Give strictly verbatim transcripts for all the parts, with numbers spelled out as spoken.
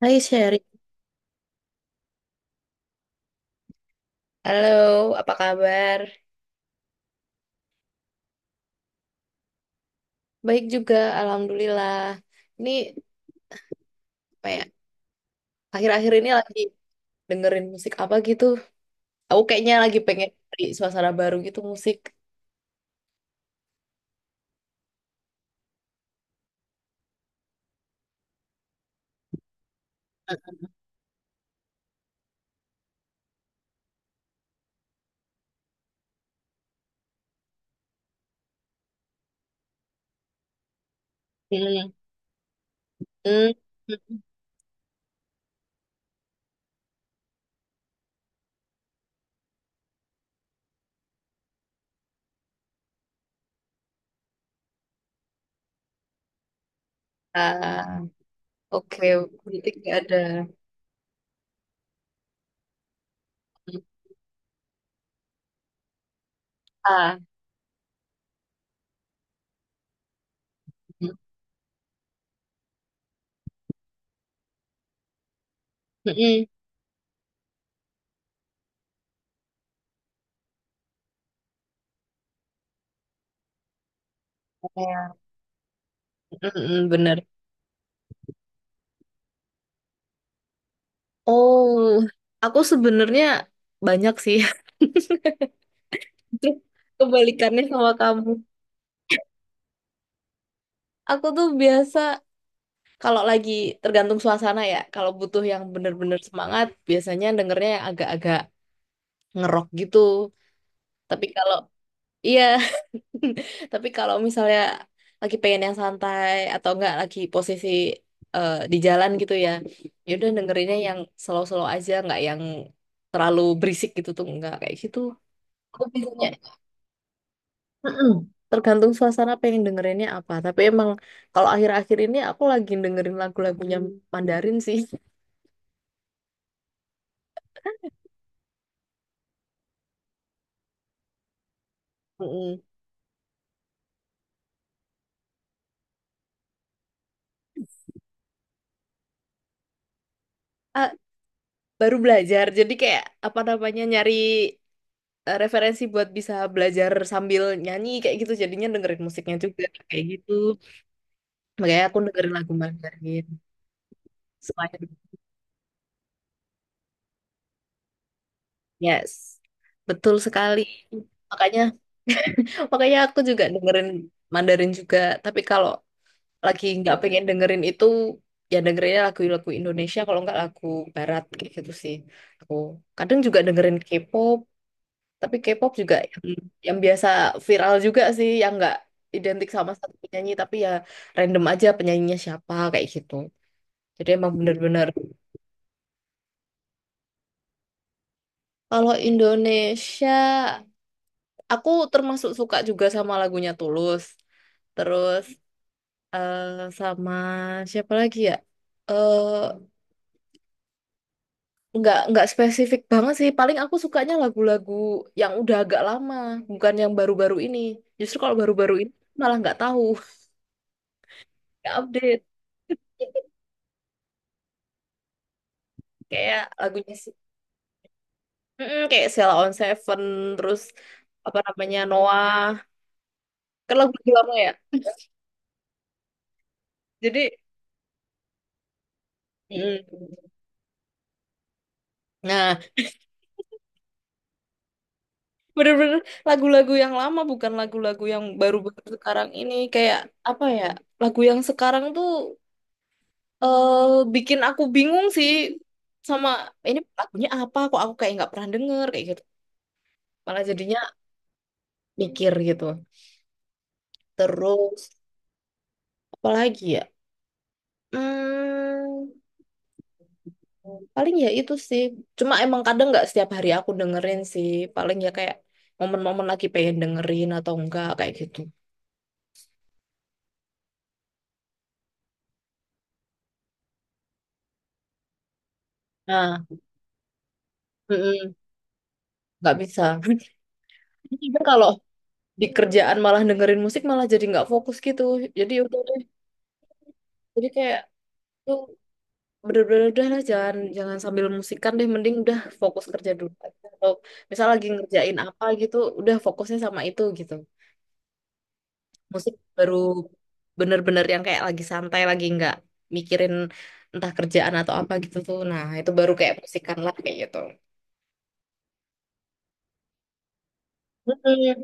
Hai Sherry. Halo, apa kabar? Baik juga, alhamdulillah. Ini apa ya? Akhir-akhir ini lagi dengerin musik apa gitu? Aku kayaknya lagi pengen cari suasana baru gitu musik. Hmm. Hmm. Ah, oke, berarti nggak ada. Ah. Mm-mm. Apa ya? Mm-mm, bener. Oh, aku sebenarnya banyak sih. Kebalikannya sama kamu. Aku tuh biasa, kalau lagi tergantung suasana ya, kalau butuh yang bener-bener semangat, biasanya dengernya yang agak-agak ngerok gitu. Tapi kalau iya, tapi kalau misalnya lagi pengen yang santai atau enggak lagi posisi eh, di jalan gitu ya, ya udah dengerinnya yang slow-slow aja, nggak yang terlalu berisik gitu tuh enggak kayak gitu. Aku biasanya, mm-mm, tergantung suasana pengen dengerinnya apa. Tapi emang kalau akhir-akhir ini aku lagi dengerin lagu-lagunya Mandarin sih. Mm-mm. Ah, baru belajar, jadi kayak apa namanya nyari eh, referensi buat bisa belajar sambil nyanyi kayak gitu, jadinya dengerin musiknya juga kayak gitu. Makanya aku dengerin lagu Mandarin selain, yes, betul sekali. Makanya, makanya aku juga dengerin Mandarin juga. Tapi kalau lagi nggak pengen dengerin itu, ya dengerinnya lagu-lagu Indonesia, kalau nggak lagu Barat kayak gitu sih. Aku kadang juga dengerin K-pop. Tapi K-pop juga yang, yang biasa viral juga sih, yang nggak identik sama satu penyanyi, tapi ya random aja penyanyinya siapa kayak gitu. Jadi emang bener-bener. Kalau Indonesia, aku termasuk suka juga sama lagunya Tulus. Terus eh, sama siapa lagi ya? Eh nggak nggak spesifik banget sih. Paling aku sukanya lagu-lagu yang udah agak lama, bukan yang baru-baru ini. Justru kalau baru-baru ini malah nggak tahu, nggak update. Kayak lagunya sih, mm, kayak Sheila on Seven, terus apa namanya Noah, kan lagu-lagu lama ya, jadi mm, nah bener-bener lagu-lagu yang lama, bukan lagu-lagu yang baru-baru sekarang ini kayak apa ya. Lagu yang sekarang tuh eh, bikin aku bingung sih sama ini lagunya apa, kok aku kayak nggak pernah denger kayak gitu, malah jadinya mikir gitu. Terus apalagi ya, hmm, paling ya itu sih. Cuma emang kadang nggak setiap hari aku dengerin sih. Paling ya kayak momen-momen lagi pengen dengerin atau enggak kayak gitu. Nah, mm-mm, nggak bisa. Jadi kalau di kerjaan malah dengerin musik malah jadi nggak fokus gitu. Jadi udah deh. Jadi kayak tuh bener-bener udah lah, jangan jangan sambil musikan deh. Mending udah fokus kerja dulu aja. Atau misal lagi ngerjain apa gitu, udah fokusnya sama itu gitu. Musik baru bener-bener yang kayak lagi santai, lagi nggak mikirin entah kerjaan atau apa gitu tuh, nah itu baru kayak musikan lah kayak gitu. Mm-mm.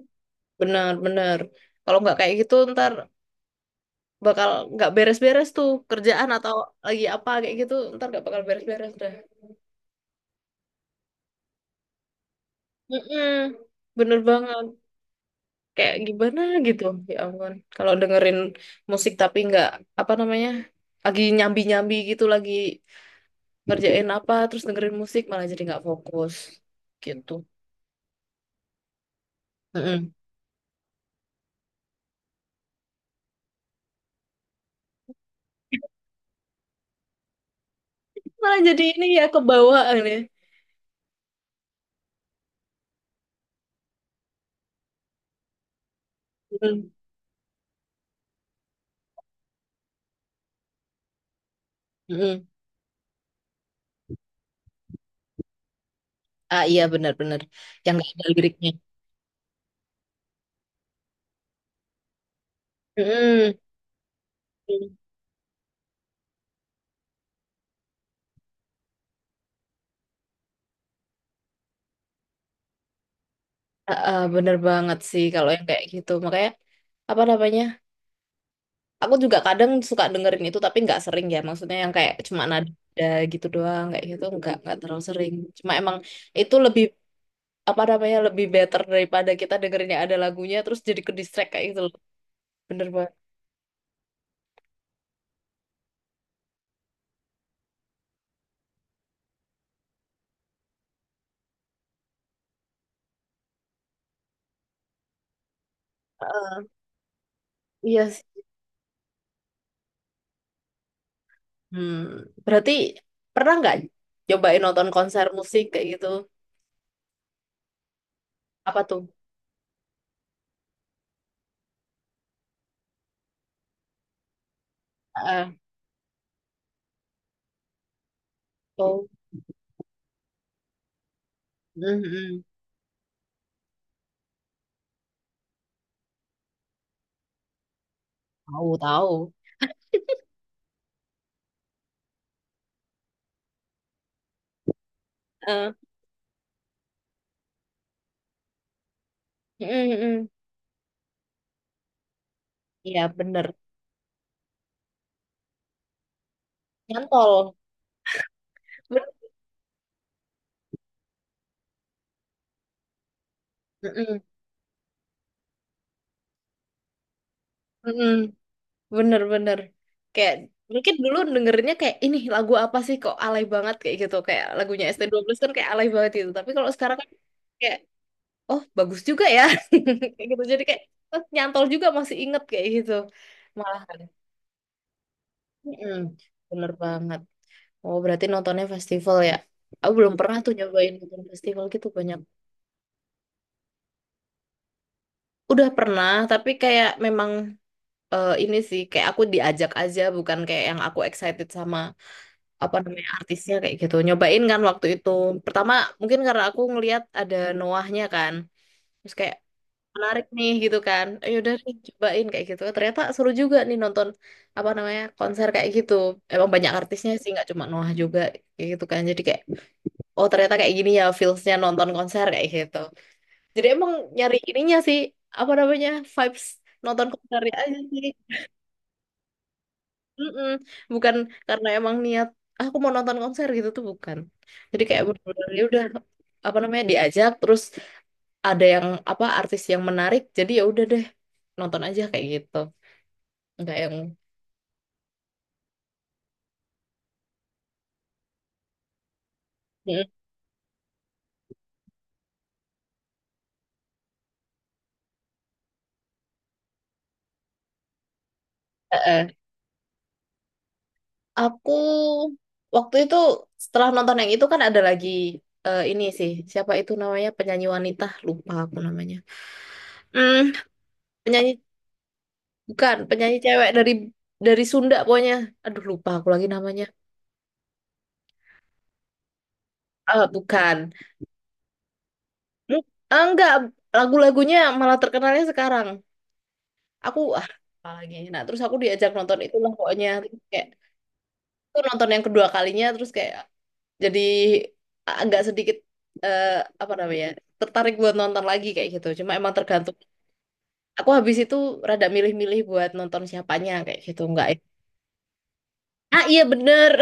Bener, bener. Kalau nggak kayak gitu, ntar bakal nggak beres-beres tuh kerjaan, atau lagi apa kayak gitu ntar nggak bakal beres-beres dah. Mm-mm. Bener banget. Kayak gimana gitu, ya ampun, kalau dengerin musik tapi nggak apa namanya lagi nyambi-nyambi gitu, lagi ngerjain apa terus dengerin musik, malah jadi nggak fokus gitu. Mm-mm. Malah jadi ini ya, kebawaan ya. Mm-mm. Mm-mm. Ah iya, benar-benar, yang nggak ada liriknya. Mm-mm. Ah, ah, bener banget sih kalau yang kayak gitu. Makanya apa namanya aku juga kadang suka dengerin itu tapi nggak sering ya, maksudnya yang kayak cuma nada gitu doang kayak gitu, nggak nggak terlalu sering. Cuma emang itu lebih apa namanya lebih better daripada kita dengerin yang ada lagunya terus jadi ke distract kayak gitu loh. Bener banget. Ah, iya sih. Hmm, berarti pernah nggak cobain nonton konser musik kayak gitu? Apa tuh? Ah, oh, mm, mm. Tahu, tahu. Eh, mm, mm. Iya bener. Nyantol. Ben- mm, mm. Mm. Bener, bener. Kayak mungkin dulu dengernya kayak ini lagu apa sih, kok alay banget kayak gitu, kayak lagunya S T dua belas, kan kayak alay banget gitu. Tapi kalau sekarang kan kayak oh bagus juga ya, kayak gitu. Jadi kayak eh, nyantol juga, masih inget kayak gitu. Malah. Mm-mm. Bener banget. Oh, berarti nontonnya festival ya? Aku belum pernah tuh nyobain nonton festival gitu banyak. Udah pernah, tapi kayak memang eh, ini sih kayak aku diajak aja, bukan kayak yang aku excited sama apa namanya artisnya kayak gitu. Nyobain kan waktu itu. Pertama mungkin karena aku ngelihat ada Noahnya kan, terus kayak menarik nih gitu kan. Ayo udah nih cobain kayak gitu. Ternyata seru juga nih nonton apa namanya konser kayak gitu. Emang banyak artisnya sih, nggak cuma Noah juga kayak gitu kan. Jadi kayak oh ternyata kayak gini ya feelsnya nonton konser kayak gitu. Jadi emang nyari ininya sih, apa namanya, vibes nonton konsernya aja sih. Mm-mm. Bukan karena emang niat, "Ah, aku mau nonton konser gitu tuh bukan, jadi kayak bener-bener ya udah apa namanya diajak, terus ada yang apa artis yang menarik jadi ya udah deh nonton aja kayak gitu, enggak yang mm, eh, eh. Aku waktu itu setelah nonton yang itu kan ada lagi eh, ini sih siapa itu namanya penyanyi wanita, lupa aku namanya. Hmm, penyanyi, bukan penyanyi cewek dari dari Sunda pokoknya. Aduh lupa aku lagi namanya. Ah, bukan. Hmm, ah, enggak, lagu-lagunya malah terkenalnya sekarang. Aku ah apa lagi. Nah, terus aku diajak nonton itulah pokoknya. Terus kayak itu nonton yang kedua kalinya, terus kayak jadi agak sedikit eh, apa namanya? Tertarik buat nonton lagi kayak gitu. Cuma emang tergantung. Aku habis itu rada milih-milih buat nonton siapanya kayak gitu, enggak ya. Ah iya bener,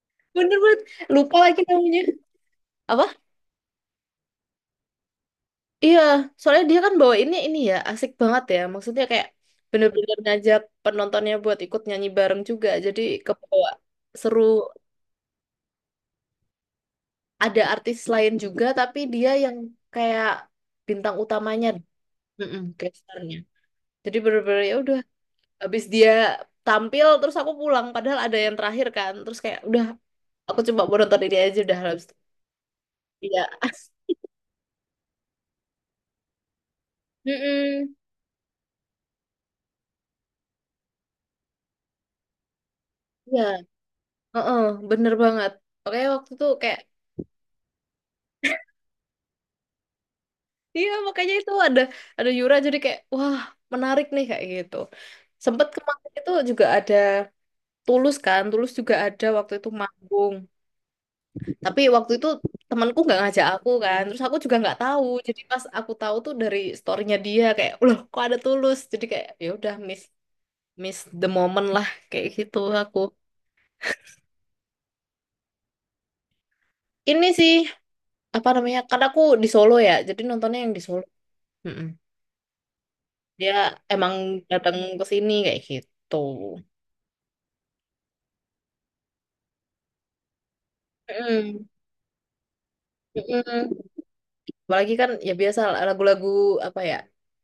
bener banget. Lupa lagi namanya. Apa? Iya, soalnya dia kan bawainnya ini ya, asik banget ya. Maksudnya kayak bener-bener ngajak penontonnya buat ikut nyanyi bareng juga. Jadi kebawa seru. Ada artis lain juga, tapi dia yang kayak bintang utamanya, mm-mm, kayak starnya. Jadi bener-bener ya udah, habis dia tampil terus aku pulang. Padahal ada yang terakhir kan, terus kayak udah aku coba mau nonton ini aja udah habis itu. Iya, mm-mm. Iya, heeh, bener banget. Oke, waktu itu kayak iya, makanya itu ada ada Yura jadi kayak wah, menarik nih kayak gitu. Sempet kemarin itu juga ada Tulus kan, Tulus juga ada waktu itu manggung. Tapi waktu itu temanku nggak ngajak aku kan, terus aku juga nggak tahu. Jadi pas aku tahu tuh dari storynya dia kayak, "Loh kok ada Tulus?" Jadi kayak ya udah miss, miss the moment lah kayak gitu aku. Ini sih apa namanya? Karena aku di Solo ya, jadi nontonnya yang di Solo. Mm-mm. Dia emang datang ke sini kayak gitu. Mm-mm. Mm-mm. Apalagi kan ya biasa lagu-lagu apa ya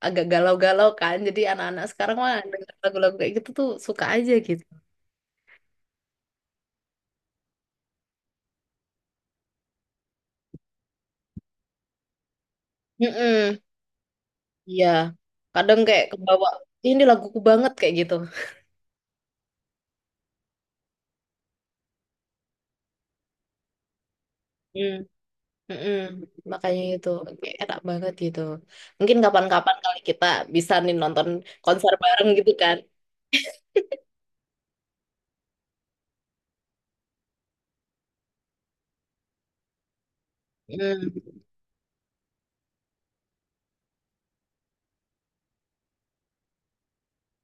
agak galau-galau kan. Jadi anak-anak sekarang mah denger lagu-lagu kayak gitu tuh suka aja gitu. Mm-mm. Iya. Kadang kayak kebawa ini laguku banget kayak gitu. Hmm. Mm-mm. Makanya itu kayak enak banget gitu. Mungkin kapan-kapan kali kita bisa nih nonton konser bareng gitu kan. Hmm.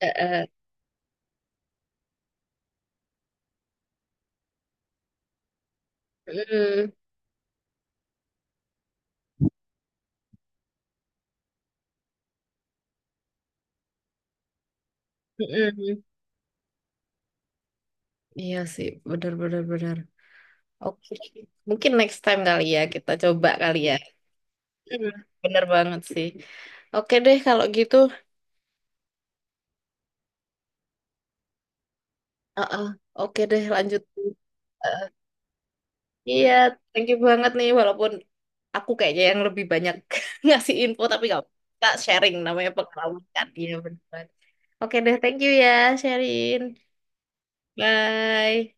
Eh, eh. Mm-mm. Mm-mm. Iya sih, benar-benar, benar, benar, benar. Oke, mungkin next time kali ya kita coba kali ya. Hmm, bener banget sih. Oke deh kalau gitu. Uh-uh. Oke deh lanjut. Uh, iya, thank you banget nih. Walaupun aku kayaknya yang lebih banyak ngasih info, tapi gak, kita sharing namanya pengalaman kan. Iya bener banget. Oke deh, thank you ya, Sherin. Bye.